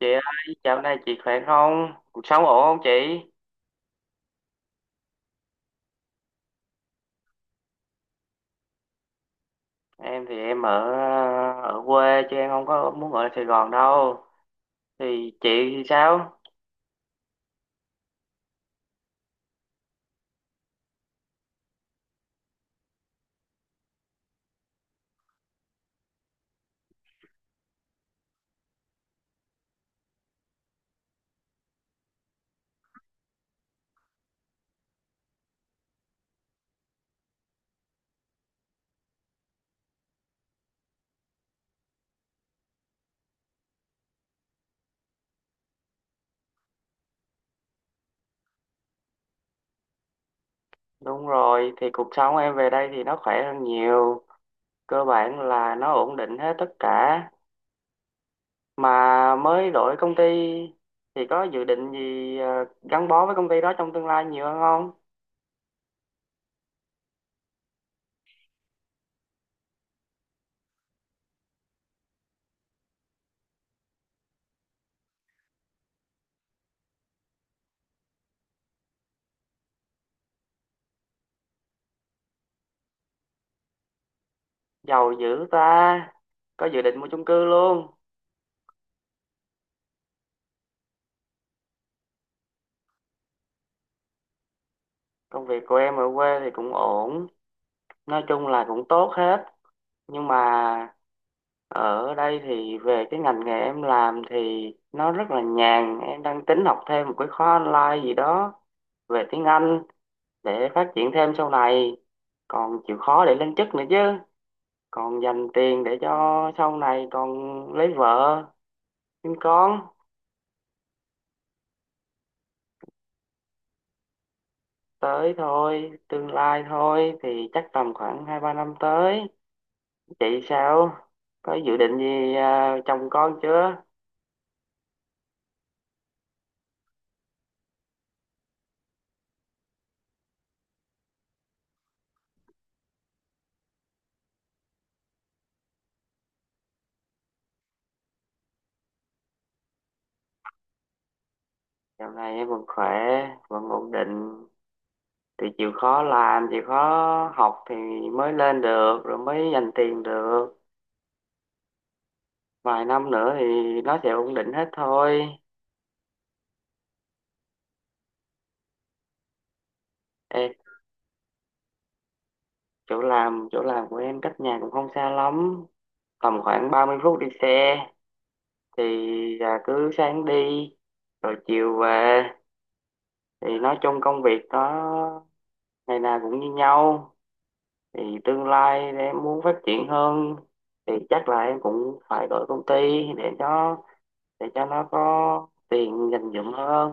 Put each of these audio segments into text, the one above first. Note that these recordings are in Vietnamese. Chị ơi, dạo này chị khỏe không? Cuộc sống ổn không chị? Em thì em ở ở quê chứ em không có muốn ở Sài Gòn đâu. Thì chị thì sao? Đúng rồi, thì cuộc sống em về đây thì nó khỏe hơn nhiều, cơ bản là nó ổn định hết tất cả. Mà mới đổi công ty thì có dự định gì gắn bó với công ty đó trong tương lai nhiều hơn không? Giàu dữ ta, có dự định mua chung cư luôn. Công việc của em ở quê thì cũng ổn, nói chung là cũng tốt hết. Nhưng mà ở đây thì về cái ngành nghề em làm thì nó rất là nhàn, em đang tính học thêm một cái khóa online gì đó về tiếng Anh để phát triển thêm sau này, còn chịu khó để lên chức nữa chứ, còn dành tiền để cho sau này còn lấy vợ sinh con. Tới thôi, tương lai thôi thì chắc tầm khoảng 2-3 năm tới. Chị sao, có dự định gì chồng con chưa? Dạo này em vẫn khỏe, vẫn ổn định, thì chịu khó làm chịu khó học thì mới lên được, rồi mới dành tiền được, vài năm nữa thì nó sẽ ổn định hết thôi. Ê, chỗ làm của em cách nhà cũng không xa lắm, tầm khoảng 30 phút đi xe, thì là cứ sáng đi rồi chiều về. Thì nói chung công việc nó ngày nào cũng như nhau, thì tương lai em muốn phát triển hơn thì chắc là em cũng phải đổi công ty để cho để cho nó có tiền dành dụm hơn.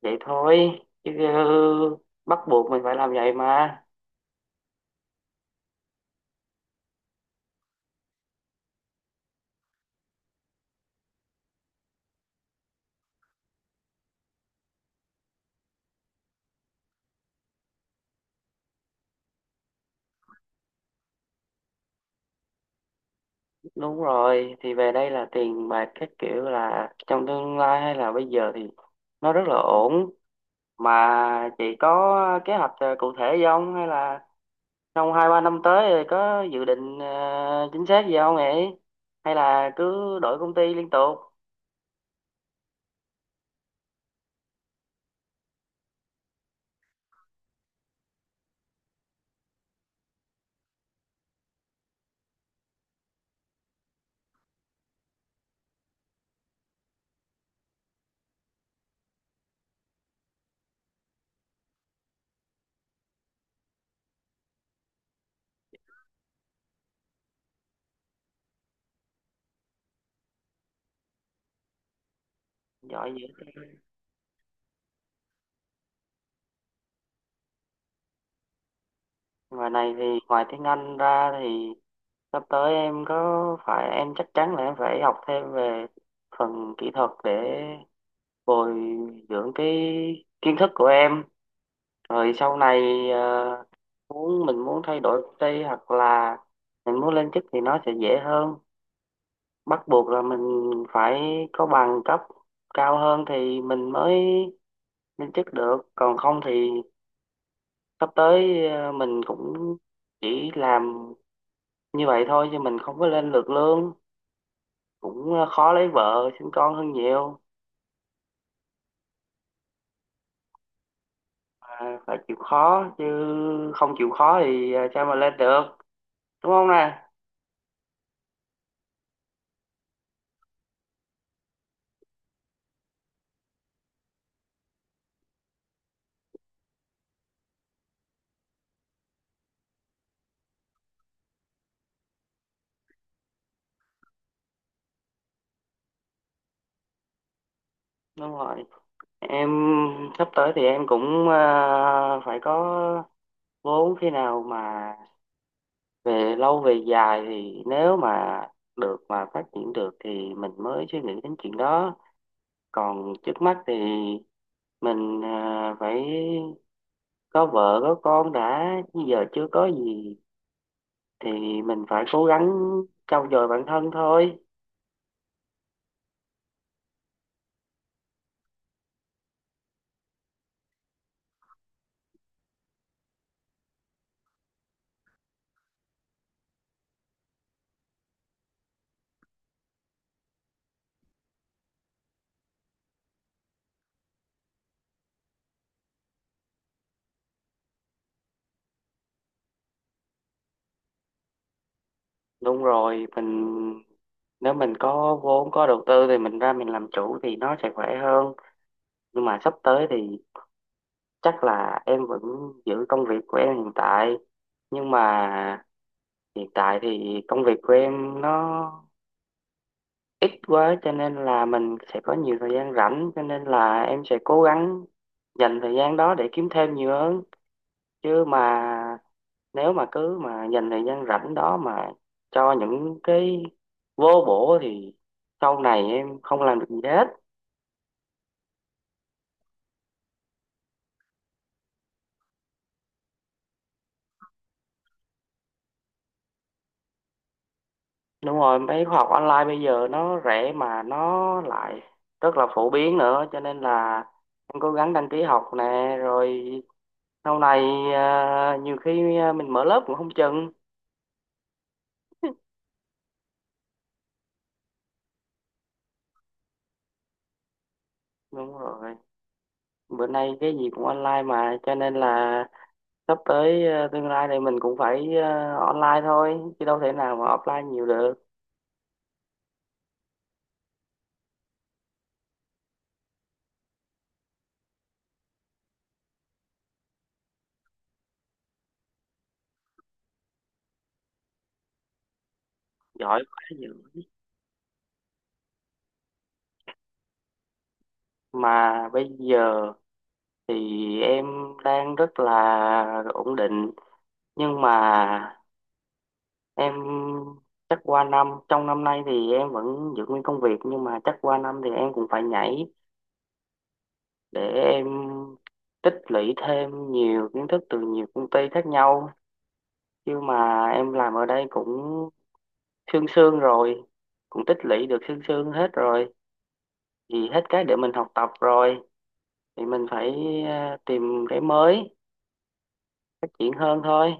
Vậy thôi chứ bắt buộc mình phải làm vậy mà. Đúng rồi, thì về đây là tiền bạc các kiểu, là trong tương lai hay là bây giờ thì nó rất là ổn. Mà chị có kế hoạch cụ thể gì không, hay là trong 2-3 năm tới rồi có dự định chính xác gì không ấy, hay là cứ đổi công ty liên tục? Giỏi dữ. Ngoài này thì, ngoài tiếng Anh ra thì sắp tới em có phải em chắc chắn là em phải học thêm về phần kỹ thuật để bồi dưỡng cái kiến thức của em, rồi sau này ờ, muốn mình muốn thay đổi công ty hoặc là mình muốn lên chức thì nó sẽ dễ hơn. Bắt buộc là mình phải có bằng cấp cao hơn thì mình mới lên chức được, còn không thì sắp tới mình cũng chỉ làm như vậy thôi chứ mình không có lên được lương, cũng khó lấy vợ sinh con hơn nhiều. À, phải chịu khó chứ, không chịu khó thì sao mà lên được, đúng không nè? Đúng rồi, em sắp tới thì em cũng phải có vốn. Khi nào mà về lâu về dài thì nếu mà được mà phát triển được thì mình mới suy nghĩ đến chuyện đó, còn trước mắt thì mình phải có vợ có con đã, bây giờ chưa có gì thì mình phải cố gắng trau dồi bản thân thôi. Đúng rồi, mình nếu mình có vốn có đầu tư thì mình ra mình làm chủ thì nó sẽ khỏe hơn. Nhưng mà sắp tới thì chắc là em vẫn giữ công việc của em hiện tại. Nhưng mà hiện tại thì công việc của em nó ít quá, cho nên là mình sẽ có nhiều thời gian rảnh, cho nên là em sẽ cố gắng dành thời gian đó để kiếm thêm nhiều hơn. Chứ mà nếu mà cứ mà dành thời gian rảnh đó mà cho những cái vô bổ thì sau này em không làm được gì hết. Đúng rồi, mấy khóa học online bây giờ nó rẻ mà nó lại rất là phổ biến nữa, cho nên là em cố gắng đăng ký học nè, rồi sau này nhiều khi mình mở lớp cũng không chừng. Đúng rồi, bữa nay cái gì cũng online mà, cho nên là sắp tới tương lai này mình cũng phải online thôi chứ đâu thể nào mà offline nhiều được. Giỏi quá dữ. Mà bây giờ thì em đang rất là ổn định, nhưng mà em chắc qua năm, trong năm nay thì em vẫn giữ nguyên công việc, nhưng mà chắc qua năm thì em cũng phải nhảy để em tích lũy thêm nhiều kiến thức từ nhiều công ty khác nhau. Chứ mà em làm ở đây cũng sương sương rồi, cũng tích lũy được sương sương hết rồi, thì hết cái để mình học tập rồi, thì mình phải tìm cái mới phát triển hơn thôi.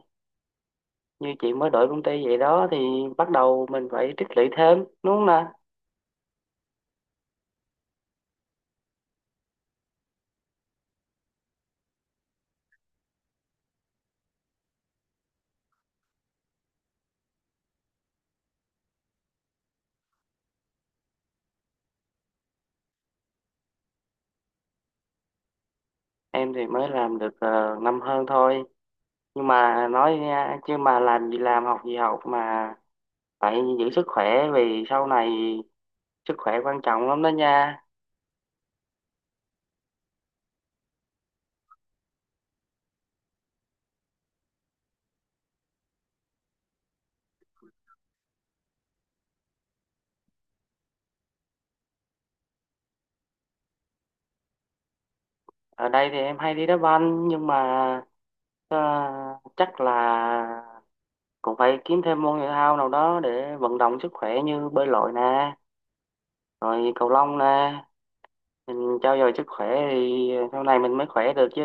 Như chị mới đổi công ty vậy đó thì bắt đầu mình phải tích lũy thêm, đúng không nè? Em thì mới làm được năm hơn thôi. Nhưng mà nói nha, chứ mà làm gì làm, học gì học mà phải giữ sức khỏe, vì sau này sức khỏe quan trọng lắm đó nha. Ở đây thì em hay đi đá banh nhưng mà ờ, chắc là cũng phải kiếm thêm môn thể thao nào đó để vận động sức khỏe, như bơi lội nè rồi cầu lông nè, mình cho dồi sức khỏe thì sau này mình mới khỏe được chứ.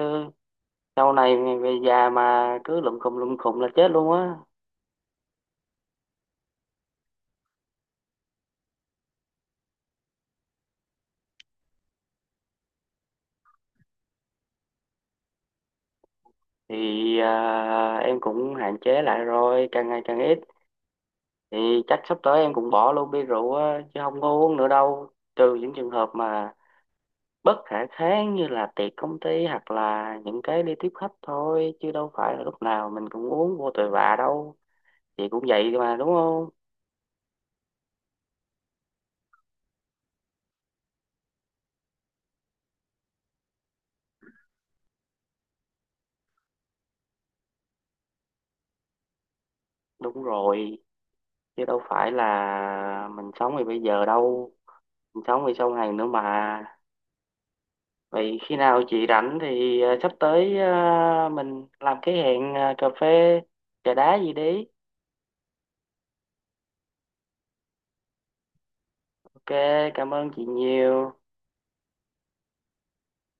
Sau này về già mà cứ lụm khùm là chết luôn á. Thì à, em cũng hạn chế lại rồi, càng ngày càng ít, thì chắc sắp tới em cũng bỏ luôn bia rượu á chứ không có uống nữa đâu, trừ những trường hợp mà bất khả kháng như là tiệc công ty hoặc là những cái đi tiếp khách, thôi chứ đâu phải là lúc nào mình cũng uống vô tội vạ đâu. Chị cũng vậy mà, đúng không? Đúng rồi, chứ đâu phải là mình sống thì bây giờ đâu, sống thì song hành nữa mà. Vậy khi nào chị rảnh thì sắp tới mình làm cái hẹn cà phê trà đá gì đi. Ok, cảm ơn chị nhiều.